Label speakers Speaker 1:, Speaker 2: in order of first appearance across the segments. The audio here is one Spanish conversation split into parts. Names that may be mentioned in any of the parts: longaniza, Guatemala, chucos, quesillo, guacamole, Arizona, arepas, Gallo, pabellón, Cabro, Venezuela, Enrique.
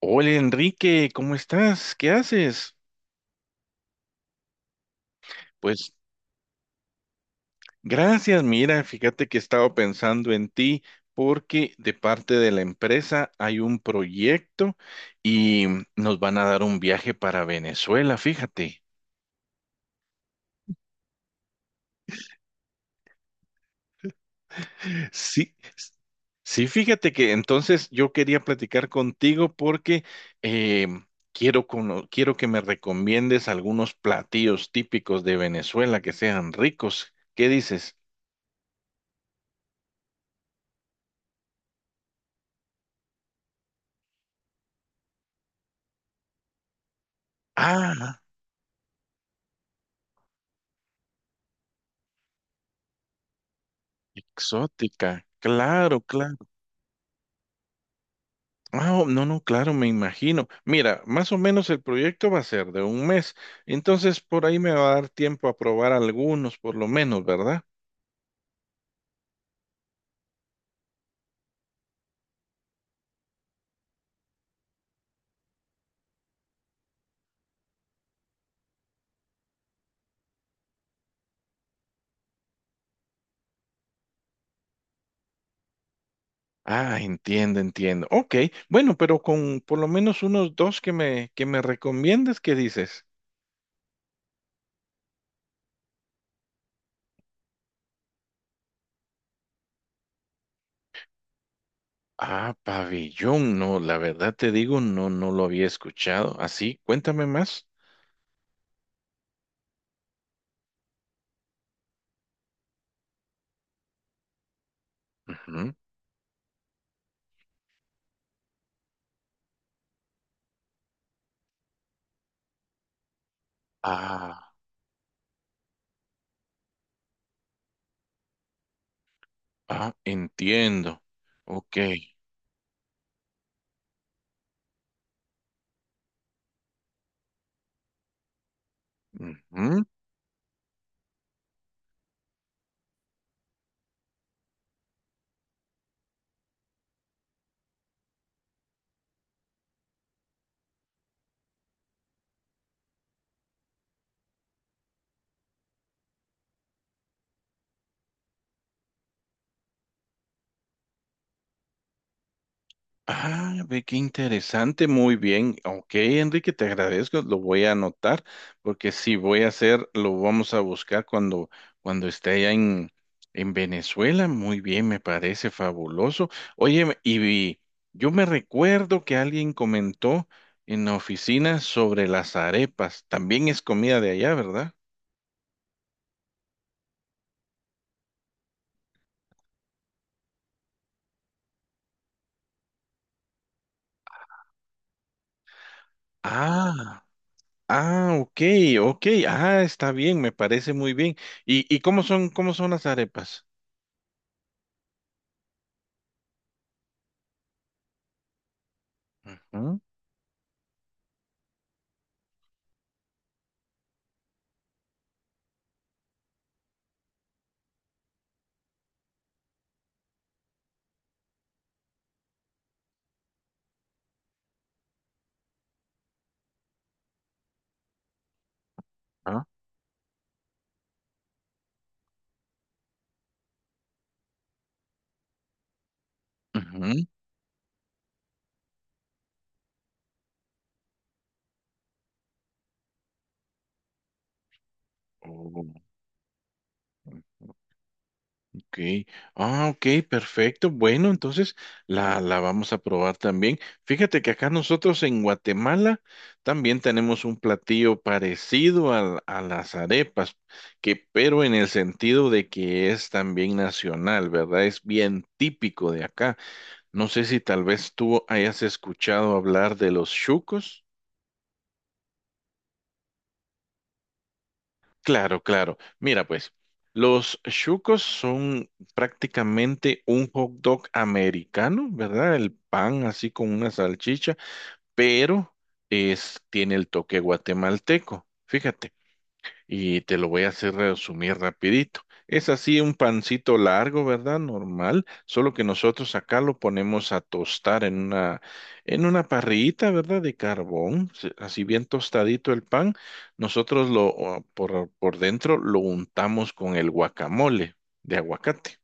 Speaker 1: Hola Enrique, ¿cómo estás? ¿Qué haces? Pues gracias, mira, fíjate que he estado pensando en ti porque de parte de la empresa hay un proyecto y nos van a dar un viaje para Venezuela, fíjate. Sí, sí, fíjate que entonces yo quería platicar contigo porque eh, quiero, quiero que me recomiendes algunos platillos típicos de Venezuela que sean ricos. ¿Qué dices? Ah. Exótica, claro, claro. Ah, oh, no, no, claro, me imagino. Mira, más o menos el proyecto va a ser de un mes, entonces por ahí me va a dar tiempo a probar algunos, por lo menos, ¿verdad? Ah, entiendo, entiendo. Ok, bueno, pero con por lo menos unos dos que me recomiendes, ¿qué dices? Ah, pabellón, no, la verdad te digo, no, no lo había escuchado. Así, cuéntame más. Ujú. Ah, ah, entiendo. Ok. Ujú. Ah, ve qué interesante, muy bien. Ok, Enrique, te agradezco, lo voy a anotar, porque si voy a hacer, lo vamos a buscar cuando esté en Venezuela. Muy bien, me parece fabuloso. Oye, yo me recuerdo que alguien comentó en la oficina sobre las arepas. También es comida de allá, ¿verdad? Ah, ah, ok, ok, ah, está bien, me parece muy bien. ¿ y cómo son las arepas? Ujú. Ujú. Oh, ok. Ah, ok, perfecto. Bueno, entonces la vamos a probar también. Fíjate que acá nosotros en Guatemala también tenemos un platillo parecido a las arepas, que, pero en el sentido de que es también nacional, ¿verdad? Es bien típico de acá. No sé si tal vez tú hayas escuchado hablar de los chucos. Claro, claro. Mira, pues, los chucos son prácticamente un hot dog americano, ¿verdad? El pan así con una salchicha, pero es, tiene el toque guatemalteco. Fíjate y te lo voy a hacer resumir rapidito. Es así un pancito largo, ¿verdad? Normal, solo que nosotros acá lo ponemos a tostar en una parrillita, ¿verdad? De carbón, así bien tostadito el pan. Nosotros lo, o, por dentro lo untamos con el guacamole de aguacate.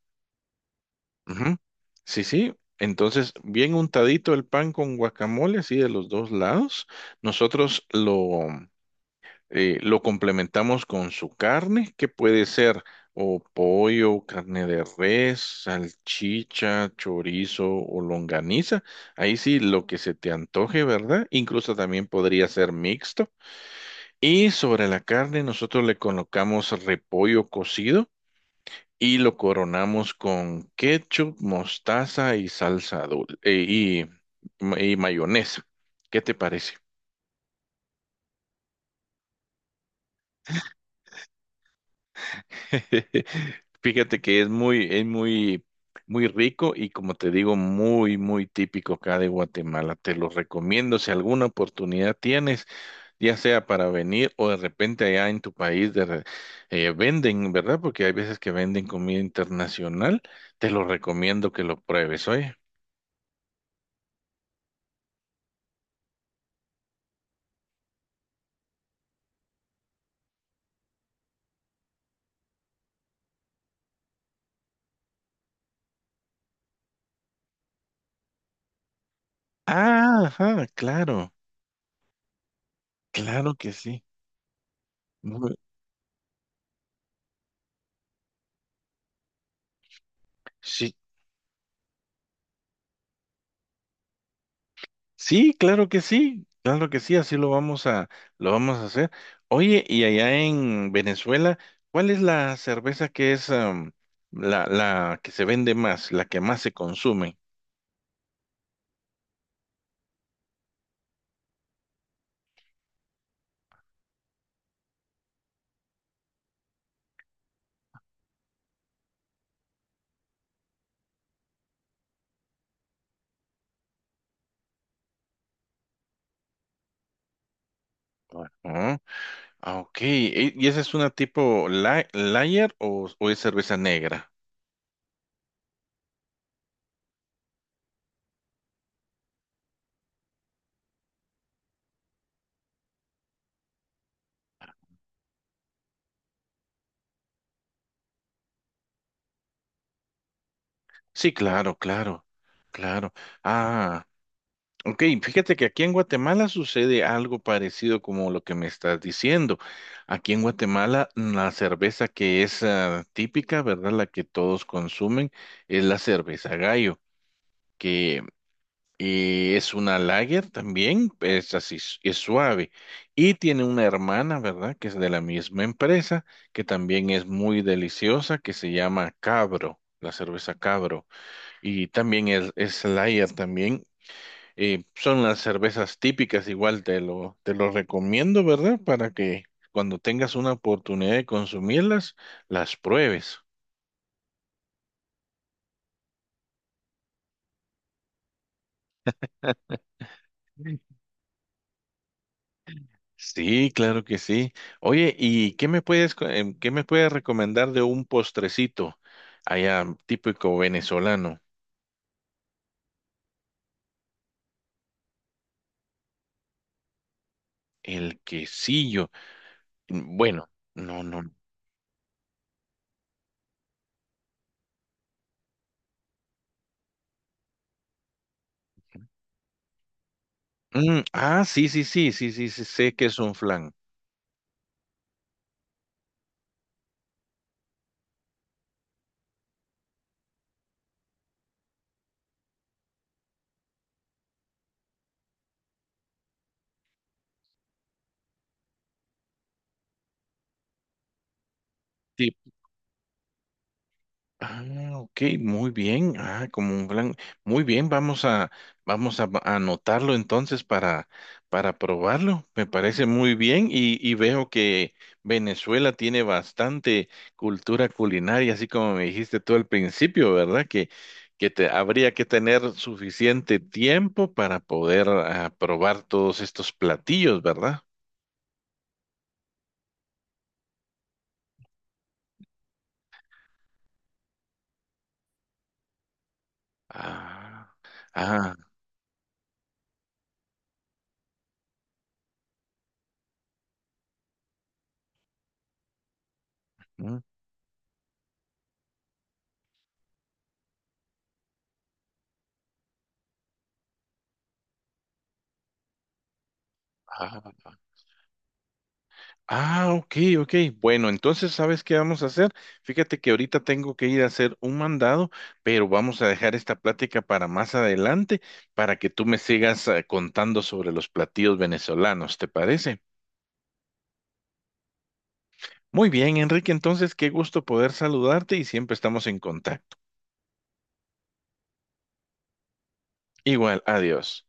Speaker 1: Ujú. Sí, sí. Entonces, bien untadito el pan con guacamole, así de los dos lados. Nosotros lo complementamos con su carne, que puede ser o pollo, carne de res, salchicha, chorizo o longaniza. Ahí sí, lo que se te antoje, ¿verdad? Incluso también podría ser mixto. Y sobre la carne nosotros le colocamos repollo cocido y lo coronamos con ketchup, mostaza y salsa dulce y mayonesa. ¿Qué te parece? Fíjate que es muy, muy rico y como te digo, muy, muy típico acá de Guatemala. Te lo recomiendo si alguna oportunidad tienes, ya sea para venir o de repente allá en tu país venden, ¿verdad? Porque hay veces que venden comida internacional. Te lo recomiendo que lo pruebes, oye. Ah, ajá, claro, claro que sí. Muy- Sí, sí, claro que sí, claro que sí, así lo vamos a hacer. Oye, y allá en Venezuela, ¿cuál es la cerveza que es la que se vende más, la que más se consume? Ah, ah, ok. ¿Y esa es una tipo lager o es cerveza negra? Sí, claro, claro, claro. Ah. Ok, fíjate que aquí en Guatemala sucede algo parecido como lo que me estás diciendo. Aquí en Guatemala la cerveza que es típica, ¿verdad? La que todos consumen es la cerveza Gallo, que es una lager también, es así, es suave. Y tiene una hermana, ¿verdad? Que es de la misma empresa, que también es muy deliciosa, que se llama Cabro, la cerveza Cabro. Y también es lager también. Son unas cervezas típicas, igual te lo recomiendo, ¿verdad? Para que cuando tengas una oportunidad de consumirlas, las pruebes. Mm. Sí, claro que sí. Oye, ¿y qué me puedes, qué me puedes recomendar de un postrecito allá típico venezolano? El quesillo. Mm, bueno, no, no. Mm, ah, sí, sí, sí, sí, sí, sí, sé que es un flan. Sí, ah, ok, muy bien. Ah, como un plan. Muy bien, a anotarlo entonces para probarlo. Me parece muy bien y veo que Venezuela tiene bastante cultura culinaria, así como me dijiste tú al principio, ¿verdad? Que, habría que tener suficiente tiempo para poder probar todos estos platillos, ¿verdad? Ah, ah, mm, ah. Ah, ok, ok. Bueno, entonces, ¿sabes qué vamos a hacer? Fíjate que ahorita tengo que ir a hacer un mandado, pero vamos a dejar esta plática para más adelante, para que tú me sigas contando sobre los platillos venezolanos, ¿te parece? Muy bien, Enrique, entonces, qué gusto poder saludarte y siempre estamos en contacto. Igual, adiós.